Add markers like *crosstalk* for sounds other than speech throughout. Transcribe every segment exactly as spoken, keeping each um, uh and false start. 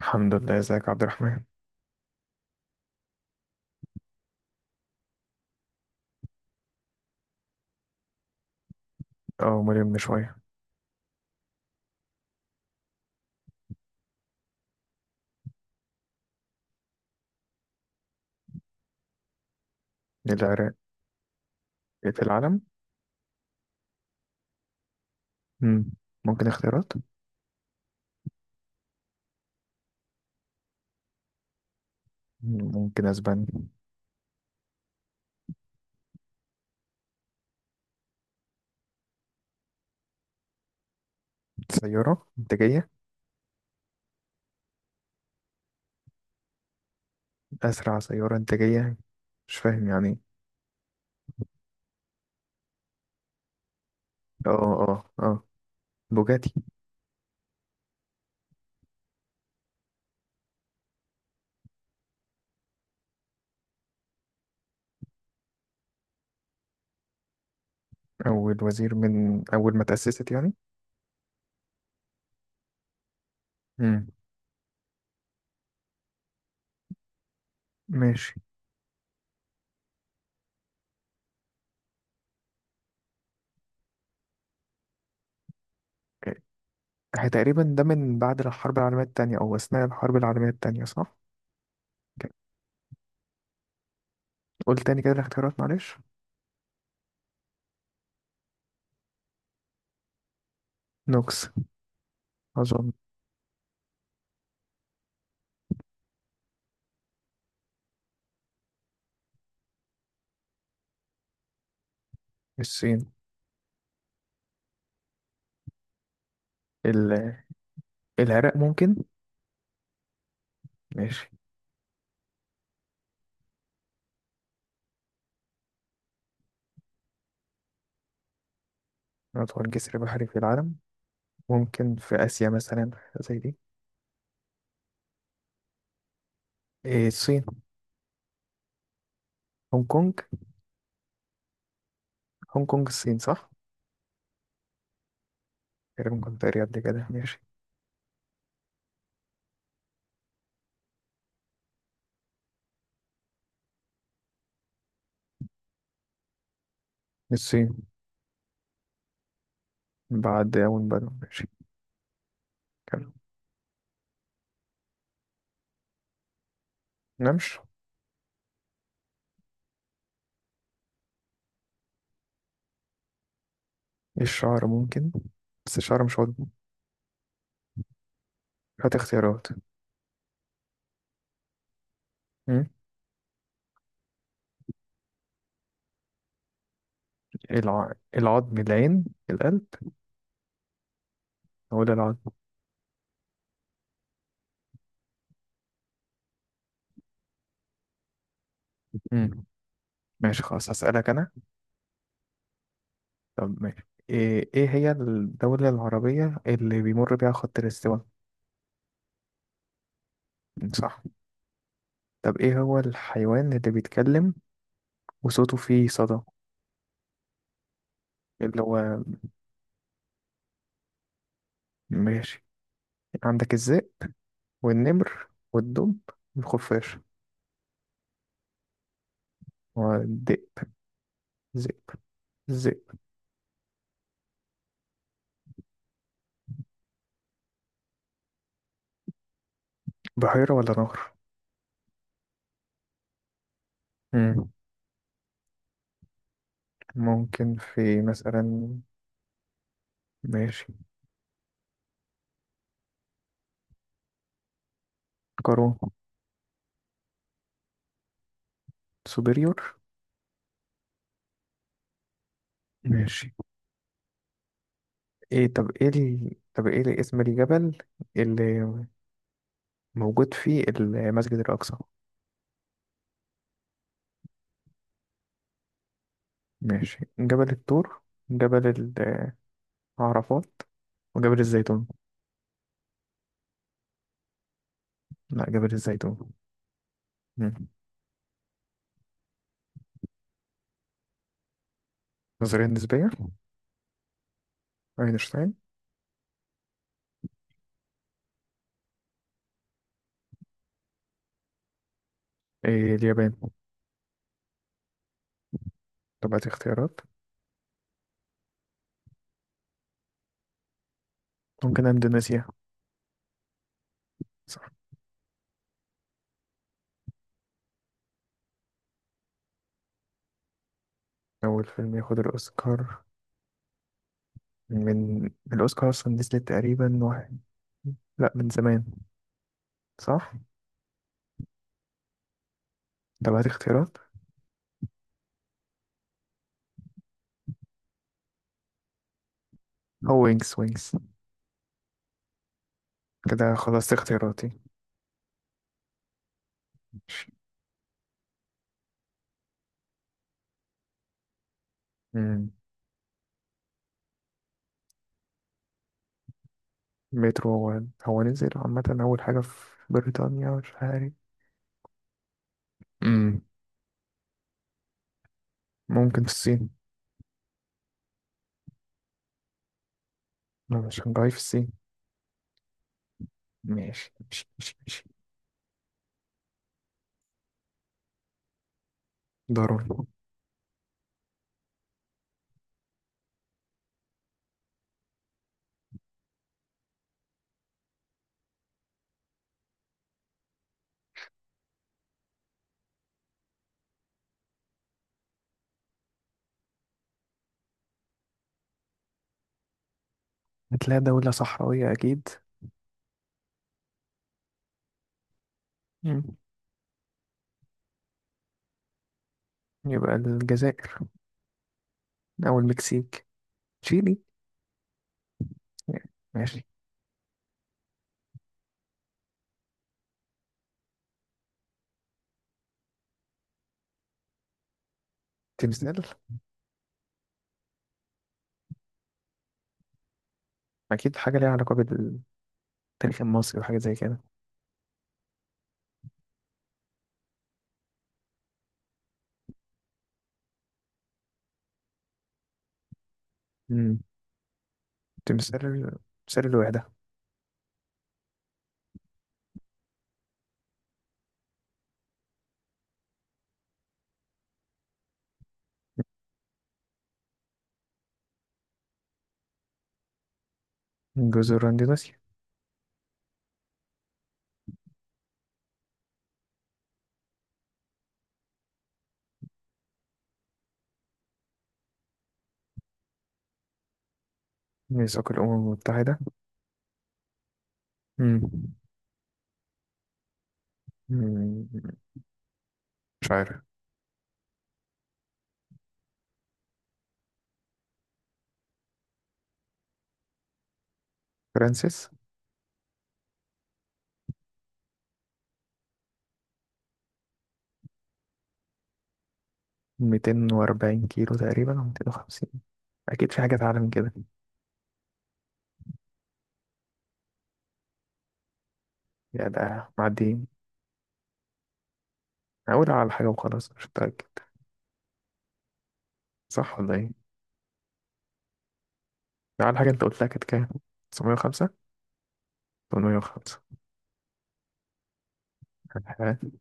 الحمد لله، ازيك يا عبد الرحمن. اه مريم من شوية. للعراق. في العالم. مم. ممكن اختيارات. مم، ممكن اسبانيا. سيارة انتاجية؟ اسرع سيارة انتاجية، مش فاهم يعني ايه. اه اه اه بوجاتي. اول وزير من اول ما تأسست يعني. مم. ماشي. اه، هي تقريبا ده من بعد الحرب العالمية التانية او اثناء الحرب العالمية التانية، صح؟ قول تاني كده الاختيارات معلش. نوكس اظن. الصين. ال- العراق ممكن. ماشي. أطول جسر بحري في العالم؟ ممكن في آسيا مثلا حاجة زي دي. إيه الصين. هونج كونج. هونج كونج الصين صح؟ تقريبا كنت قاري قبل كده. ماشي. الصين. بعد أول بدو. ماشي. كمل. نمش. الشعر ممكن، بس الشعر مش عضو. هات اختيارات. مم. الع... العظم العين القلب؟ ولا العظم. مم. ماشي خلاص هسألك أنا. طب ماشي، إيه إيه هي الدولة العربية اللي بيمر بيها خط الاستواء؟ صح. طب إيه هو الحيوان اللي بيتكلم وصوته فيه صدى، اللي هو؟ ماشي. عندك الذئب والنمر والدب والخفاش والدئ. ذئب ذئب. بحيرة ولا نهر؟ مم. ممكن في مثلا. ماشي. قارون. سوبريور. ماشي. ايه طب ايه ال... طب ايه اللي اسم الجبل اللي موجود فيه المسجد الأقصى؟ ماشي، جبل الطور، جبل العرفات، وجبل الزيتون. لا جبل الزيتون. مم. نظرية نسبية. أينشتاين. إيه اليابان. طب هات اختيارات. ممكن اندونيسيا. صح. اول فيلم ياخد الاوسكار، من الاوسكار اصلا نزلت تقريبا واحد، لا من زمان. صح. طب هات اختيارات. هو وينجز وينجز؟ كده خلصت اختياراتي. ماشي. مم. مترو، هو هو نزل عامة أول حاجة في بريطانيا، مش عارف. مم. ممكن في الصين. لا مش شنغهاي في الصين. ماشي ماشي ماشي ماشي. ضروري. هتلاقي دولة صحراوية أكيد. مم. يبقى الجزائر. أو المكسيك. تشيلي. ماشي. تمثال؟ أكيد حاجة ليها علاقة بالتاريخ المصري وحاجة زي كده. مم. تمثال، تمثال الوحدة. جزر أندونيسيا. ميثاق الأمم المتحدة. مم. مم. مش عارف. فرانسيس. 240 كيلو تقريبا أو مئتين وخمسين، أكيد في حاجة أعلى من كده. يا ده معديين، أقول على حاجة وخلاص مش متأكد. صح ولا إيه؟ ده على حاجة أنت قلتها، كانت كام؟ تسعمية وخمسة. تمنمية وخمسة. *laughs*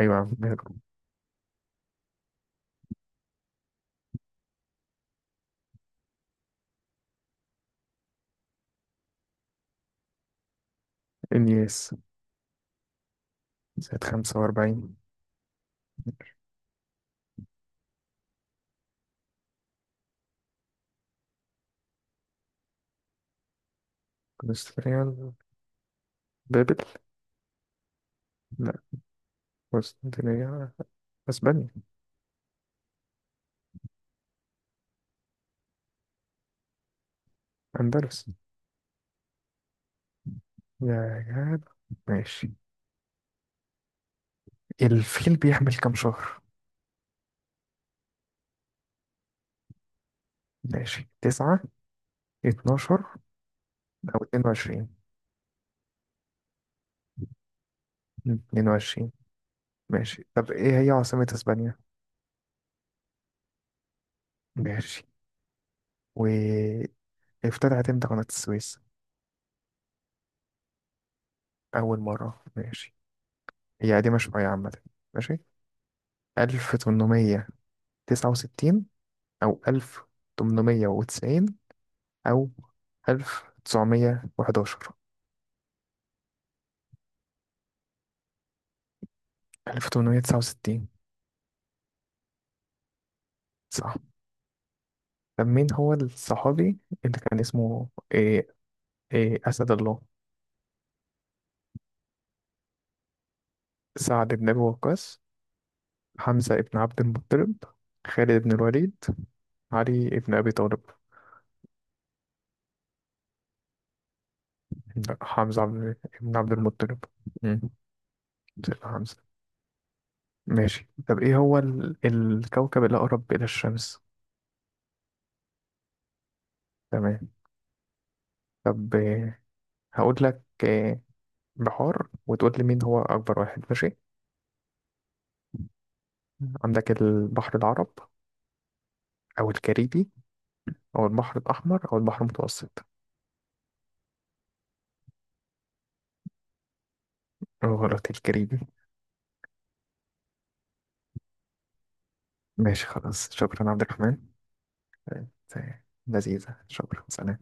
أيوة يا عم. النيس. سنة خمسة وأربعين. كونستانتينيال، بابل، لا، قسطنطينية، اسبانيا، اندلس. يا جدع. ماشي، الفيل بيحمل كام شهر؟ ماشي، تسعة، اتناشر، او اتنين وعشرين. اتنين وعشرين. ماشي، طب ايه هي عاصمة اسبانيا؟ ماشي. وافتتحت امتى قناة السويس؟ اول مرة. ماشي، هي قديمة شوية عامة. ماشي. الف تمنمية تسعة وستين، او الف تمنمية وتسعين، او الف تسعمية وحداشر. ألف تمنمية تسعة وستين. صح. طب مين هو الصحابي اللي كان اسمه إيه، إيه أسد الله؟ سعد بن أبي وقاص، حمزة بن عبد المطلب، خالد بن الوليد، علي بن أبي طالب. لا حمزة عبد، بن عبد المطلب. مم، سيدنا حمزة. ماشي، طب إيه هو ال... الكوكب الأقرب إلى الشمس؟ تمام. طب إيه، هقول لك إيه، بحار وتقول لي مين هو أكبر واحد. ماشي. عندك البحر العرب، أو الكاريبي، أو البحر الأحمر، أو البحر المتوسط. غلط، الكاريبي. ماشي خلاص، شكرا عبد الرحمن. لذيذة، شكرا، سلام.